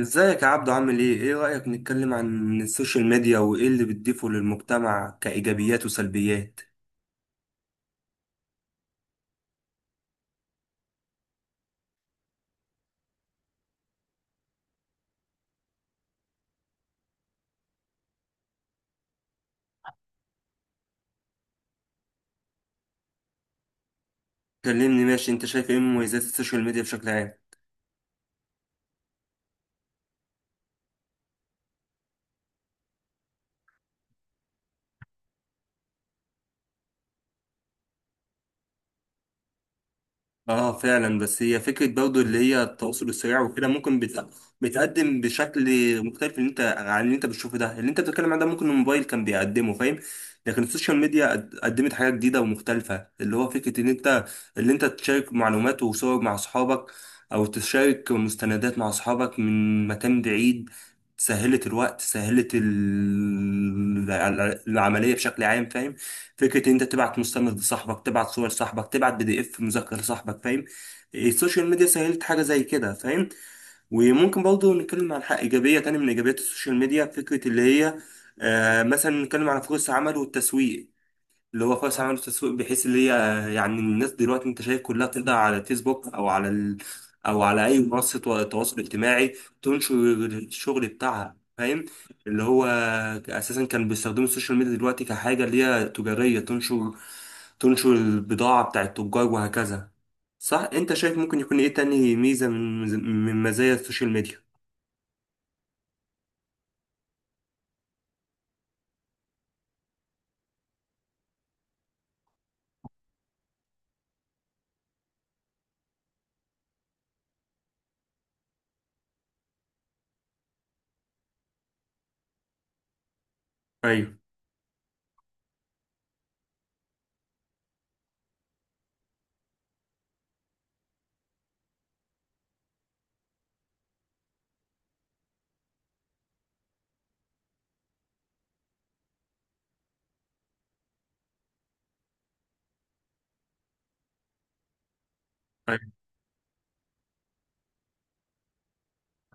ازيك يا عبدو، عامل ايه؟ ايه رأيك نتكلم عن السوشيال ميديا وايه اللي بتضيفه للمجتمع كإيجابيات وسلبيات؟ كلمني ماشي، انت شايف ايه مميزات السوشيال ميديا بشكل عام؟ اه فعلا، بس هي فكرة برضه اللي هي التواصل السريع وكده ممكن بتقدم بشكل مختلف، اللي انت بتشوفه ده، اللي انت بتتكلم عنه ده ممكن الموبايل كان بيقدمه، فاهم؟ لكن السوشيال ميديا قدمت حاجة جديدة ومختلفة، اللي هو فكرة ان انت تشارك معلومات وصور مع اصحابك، او تشارك مستندات مع اصحابك من مكان بعيد. سهلت الوقت، العملية بشكل عام، فاهم؟ فكرة ان انت تبعت مستند لصاحبك، تبعت صور صاحبك، تبعت بي دي اف مذكر لصاحبك، فاهم؟ إيه، السوشيال ميديا سهلت حاجة زي كده، فاهم؟ وممكن برضه نتكلم عن حق ايجابية تاني من ايجابيات السوشيال ميديا، فكرة اللي هي مثلا نتكلم عن فرص عمل والتسويق، اللي هو خالص عملوا تسويق بحيث اللي هي يعني الناس دلوقتي انت شايف كلها بتقدر على فيسبوك او على او على اي منصه تواصل اجتماعي تنشر الشغل بتاعها، فاهم؟ اللي هو اساسا كان بيستخدموا السوشيال ميديا دلوقتي كحاجه اللي هي تجاريه، تنشر البضاعه بتاع التجار وهكذا. صح؟ انت شايف ممكن يكون ايه تاني ميزه من مزايا السوشيال ميديا؟ ايوه.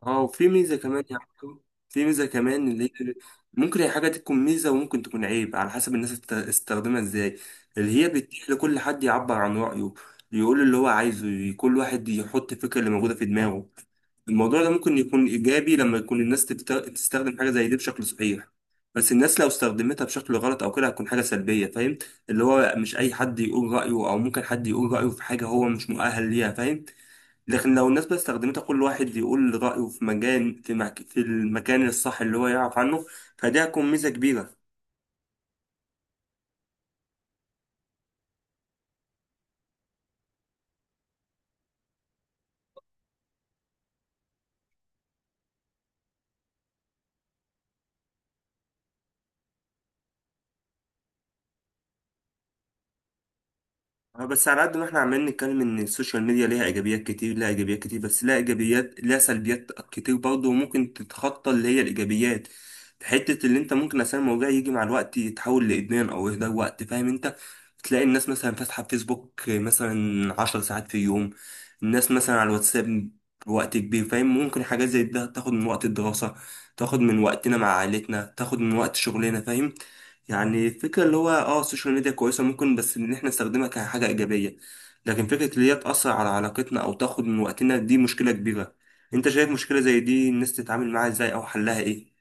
اه، وفي ميزة كمان يا عبدو، في ميزة كمان اللي هي ممكن هي حاجة تكون ميزة وممكن تكون عيب على حسب الناس تستخدمها ازاي، اللي هي بتتيح لكل حد يعبر عن رأيه، يقول اللي هو عايزه، كل واحد يحط الفكرة اللي موجودة في دماغه. الموضوع ده ممكن يكون إيجابي لما يكون الناس تستخدم حاجة زي دي بشكل صحيح، بس الناس لو استخدمتها بشكل غلط أو كده هتكون حاجة سلبية، فاهم؟ اللي هو مش أي حد يقول رأيه، أو ممكن حد يقول رأيه في حاجة هو مش مؤهل ليها، فاهم؟ لكن لو الناس بقى استخدمتها كل واحد يقول رأيه في مجال، في المكان الصح اللي هو يعرف عنه، فدي هتكون ميزة كبيرة. اه بس على قد ما احنا عمالين نتكلم ان السوشيال ميديا ليها ايجابيات كتير، ليها ايجابيات كتير بس ليها ايجابيات ليها سلبيات كتير برضه، وممكن تتخطى اللي هي الايجابيات. حته اللي انت ممكن عشان الموضوع يجي مع الوقت يتحول لادمان او يهدر وقت، فاهم؟ انت تلاقي الناس مثلا فاتحه فيسبوك مثلا عشر ساعات في اليوم، الناس مثلا على الواتساب وقت كبير، فاهم؟ ممكن حاجات زي ده تاخد من وقت الدراسه، تاخد من وقتنا مع عائلتنا، تاخد من وقت شغلنا، فاهم؟ يعني الفكرة اللي هو السوشيال ميديا كويسة ممكن، بس ان احنا نستخدمها كحاجة ايجابية. لكن فكرة اللي هي تأثر على علاقتنا او تاخد من وقتنا دي مشكلة كبيرة. انت شايف مشكلة زي دي الناس تتعامل معاها ازاي او حلها ايه؟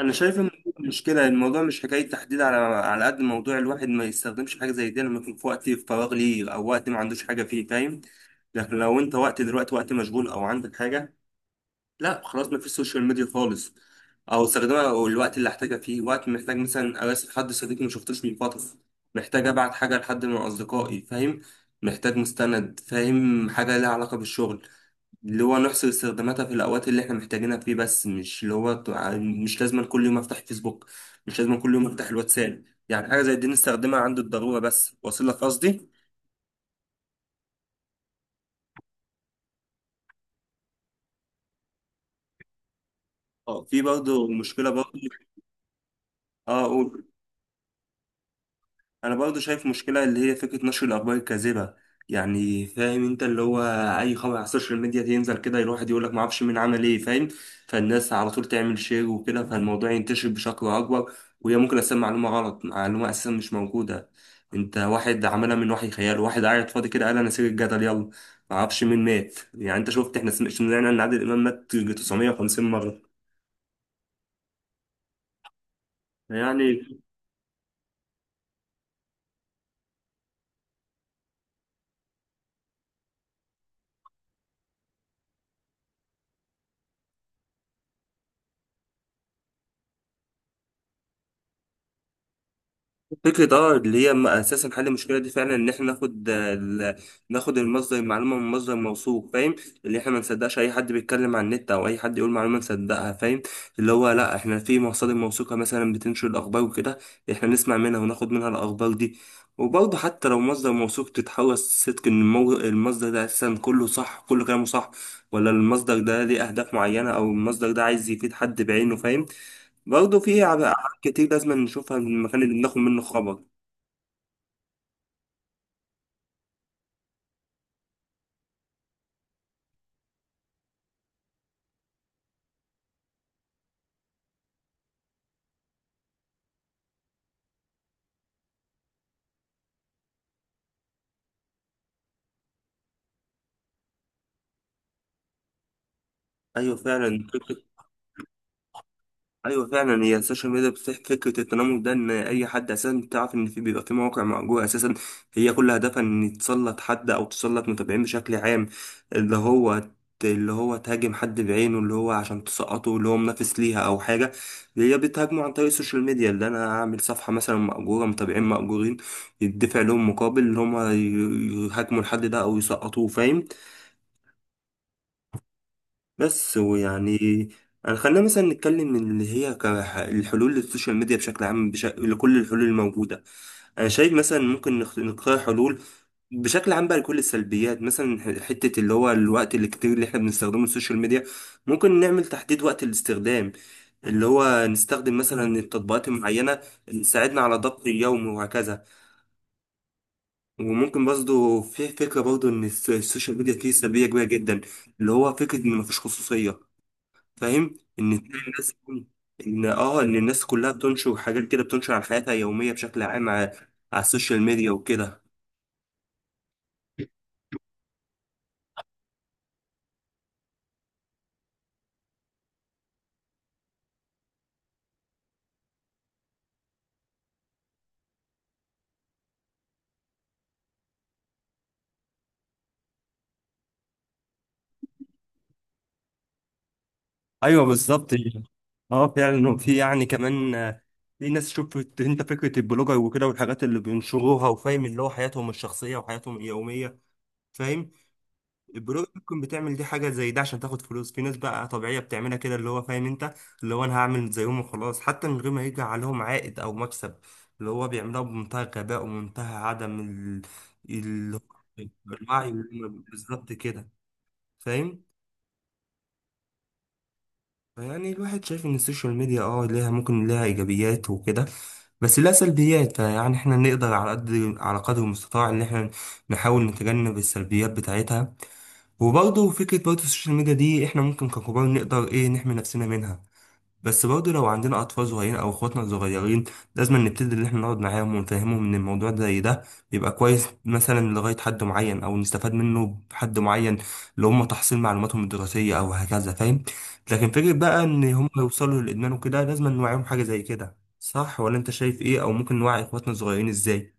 انا شايف ان المشكلة، الموضوع مش حكاية تحديد، على على قد موضوع الواحد ما يستخدمش حاجة زي دي لما يكون في وقت فراغ ليه او وقت ما عندوش حاجة فيه، فاهم؟ لكن لو انت وقت دلوقتي وقت مشغول او عندك حاجة، لا خلاص، ما فيش سوشيال ميديا خالص. او استخدمها الوقت اللي احتاجها فيه، وقت محتاج مثلا اراسل حد صديق ما شفتوش من فتره، محتاج ابعت حاجه لحد من اصدقائي، فاهم؟ محتاج مستند، فاهم، حاجه لها علاقه بالشغل. اللي هو نحصر استخداماتها في الاوقات اللي احنا محتاجينها فيه بس، مش اللي هو مش لازم كل يوم افتح فيسبوك، مش لازم كل يوم افتح الواتساب، يعني حاجه زي دي نستخدمها عند الضروره بس، واصل لك قصدي؟ اه، في برضه مشكله برضه. اه، قول. انا برضو شايف مشكلة اللي هي فكرة نشر الاخبار الكاذبة، يعني فاهم انت اللي هو اي خبر على السوشيال ميديا ينزل كده الواحد يقول لك ما اعرفش مين عمل ايه، فاهم؟ فالناس على طول تعمل شير وكده، فالموضوع ينتشر بشكل اكبر، وهي ممكن اساسا معلومة غلط، معلومة اساسا مش موجودة، انت واحد عملها من وحي خياله، واحد قاعد فاضي كده قال انا سير الجدل يلا، ما اعرفش مين مات، يعني انت شفت احنا سمعنا ان عادل امام مات 950 مرة. يعني فكرة، اه، اللي هي اساسا حل المشكلة دي فعلا ان احنا ناخد ناخد المصدر، المعلومة من مصدر موثوق، فاهم؟ اللي احنا ما نصدقش اي حد بيتكلم عن النت او اي حد يقول معلومة نصدقها، فاهم؟ اللي هو لا، احنا في مصادر موثوقة مثلا بتنشر الاخبار وكده، احنا نسمع منها وناخد منها الاخبار دي. وبرضه حتى لو مصدر موثوق، تتحرص صدق ان المصدر ده اساسا كله صح، كله كلامه صح، ولا المصدر ده ليه اهداف معينة، او المصدر ده عايز يفيد حد بعينه، فاهم؟ برضه في أبعاد كتير لازم نشوفها من المكان اللي بناخد منه خبر. أيوة فعلا، فكرة، أيوة فعلا، هي السوشيال ميديا بتفتح فكرة التنمر ده، إن أي حد أساسا تعرف إن في بيبقى في مواقع مأجورة أساسا، هي كل هدفها إن تسلط حد أو تسلط متابعين بشكل عام، اللي هو اللي هو تهاجم حد بعينه، اللي هو عشان تسقطه، اللي هو منافس ليها أو حاجة، اللي هي بتهاجمه عن طريق السوشيال ميديا، اللي أنا أعمل صفحة مثلا مأجورة، متابعين مأجورين يدفع لهم مقابل اللي هما يهاجموا الحد ده أو يسقطوه، فاهم؟ بس ويعني، يعني خلينا مثلا نتكلم من اللي هي الحلول للسوشيال ميديا بشكل عام، لكل الحلول الموجودة. أنا شايف مثلا ممكن نختار حلول بشكل عام بقى لكل السلبيات، مثلا حتة اللي هو الوقت الكتير اللي احنا بنستخدمه السوشيال ميديا، ممكن نعمل تحديد وقت الاستخدام، اللي هو نستخدم مثلا التطبيقات المعينة اللي تساعدنا على ضبط اليوم وهكذا. وممكن برضه في فكرة برضه إن السوشيال ميديا فيه سلبية كبيرة جدا، اللي هو فكرة إن مفيش خصوصية، فاهم، ان تلاقي الناس، ان الناس كلها بتنشر حاجات كده، بتنشر عن حياتها اليوميه بشكل عام على، على السوشيال ميديا وكده. ايوه بالظبط. اه فعلا، وفي يعني كمان، في ناس شفت انت فكره البلوجر وكده والحاجات اللي بينشروها، وفاهم اللي هو حياتهم الشخصيه وحياتهم اليوميه، فاهم؟ البنوك ممكن بتعمل دي حاجة زي ده عشان تاخد فلوس، في ناس بقى طبيعية بتعملها كده، اللي هو فاهم انت، اللي هو انا هعمل زيهم وخلاص حتى من غير ما يجي عليهم عائد او مكسب، اللي هو بيعملها بمنتهى الغباء ومنتهى عدم ال... الوعي، اللي هم بالظبط كده، فاهم؟ فيعني الواحد شايف ان السوشيال ميديا، اه، ليها ممكن ليها ايجابيات وكده، بس لها سلبيات، فيعني احنا نقدر على قد، على قدر المستطاع ان احنا نحاول نتجنب السلبيات بتاعتها. وبرضه فكرة برضه السوشيال ميديا دي احنا ممكن ككبار نقدر ايه نحمي نفسنا منها، بس برضه لو عندنا أطفال صغيرين أو إخواتنا صغيرين، لازم نبتدي إن احنا نقعد معاهم ونفهمهم إن الموضوع ده زي ده بيبقى كويس مثلا لغاية حد معين، أو نستفاد منه بحد معين، لو هم تحصيل معلوماتهم الدراسية أو هكذا، فاهم؟ لكن فكرة بقى إن هم يوصلوا للإدمان وكده لازم نوعيهم حاجة زي كده، صح ولا أنت شايف ايه، أو ممكن نوعي إخواتنا الصغيرين ازاي؟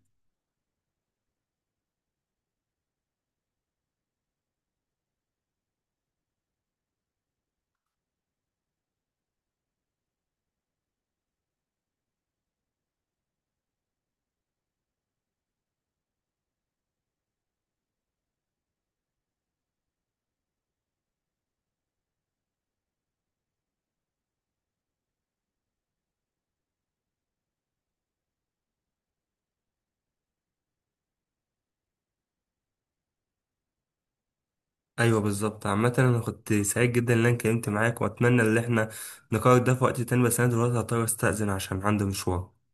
ايوه بالظبط. عامة انا كنت سعيد جدا ان انا اتكلمت معاك، واتمنى ان احنا نقرر ده في وقت تاني، بس انا دلوقتي هضطر استأذن عشان عندي مشوار.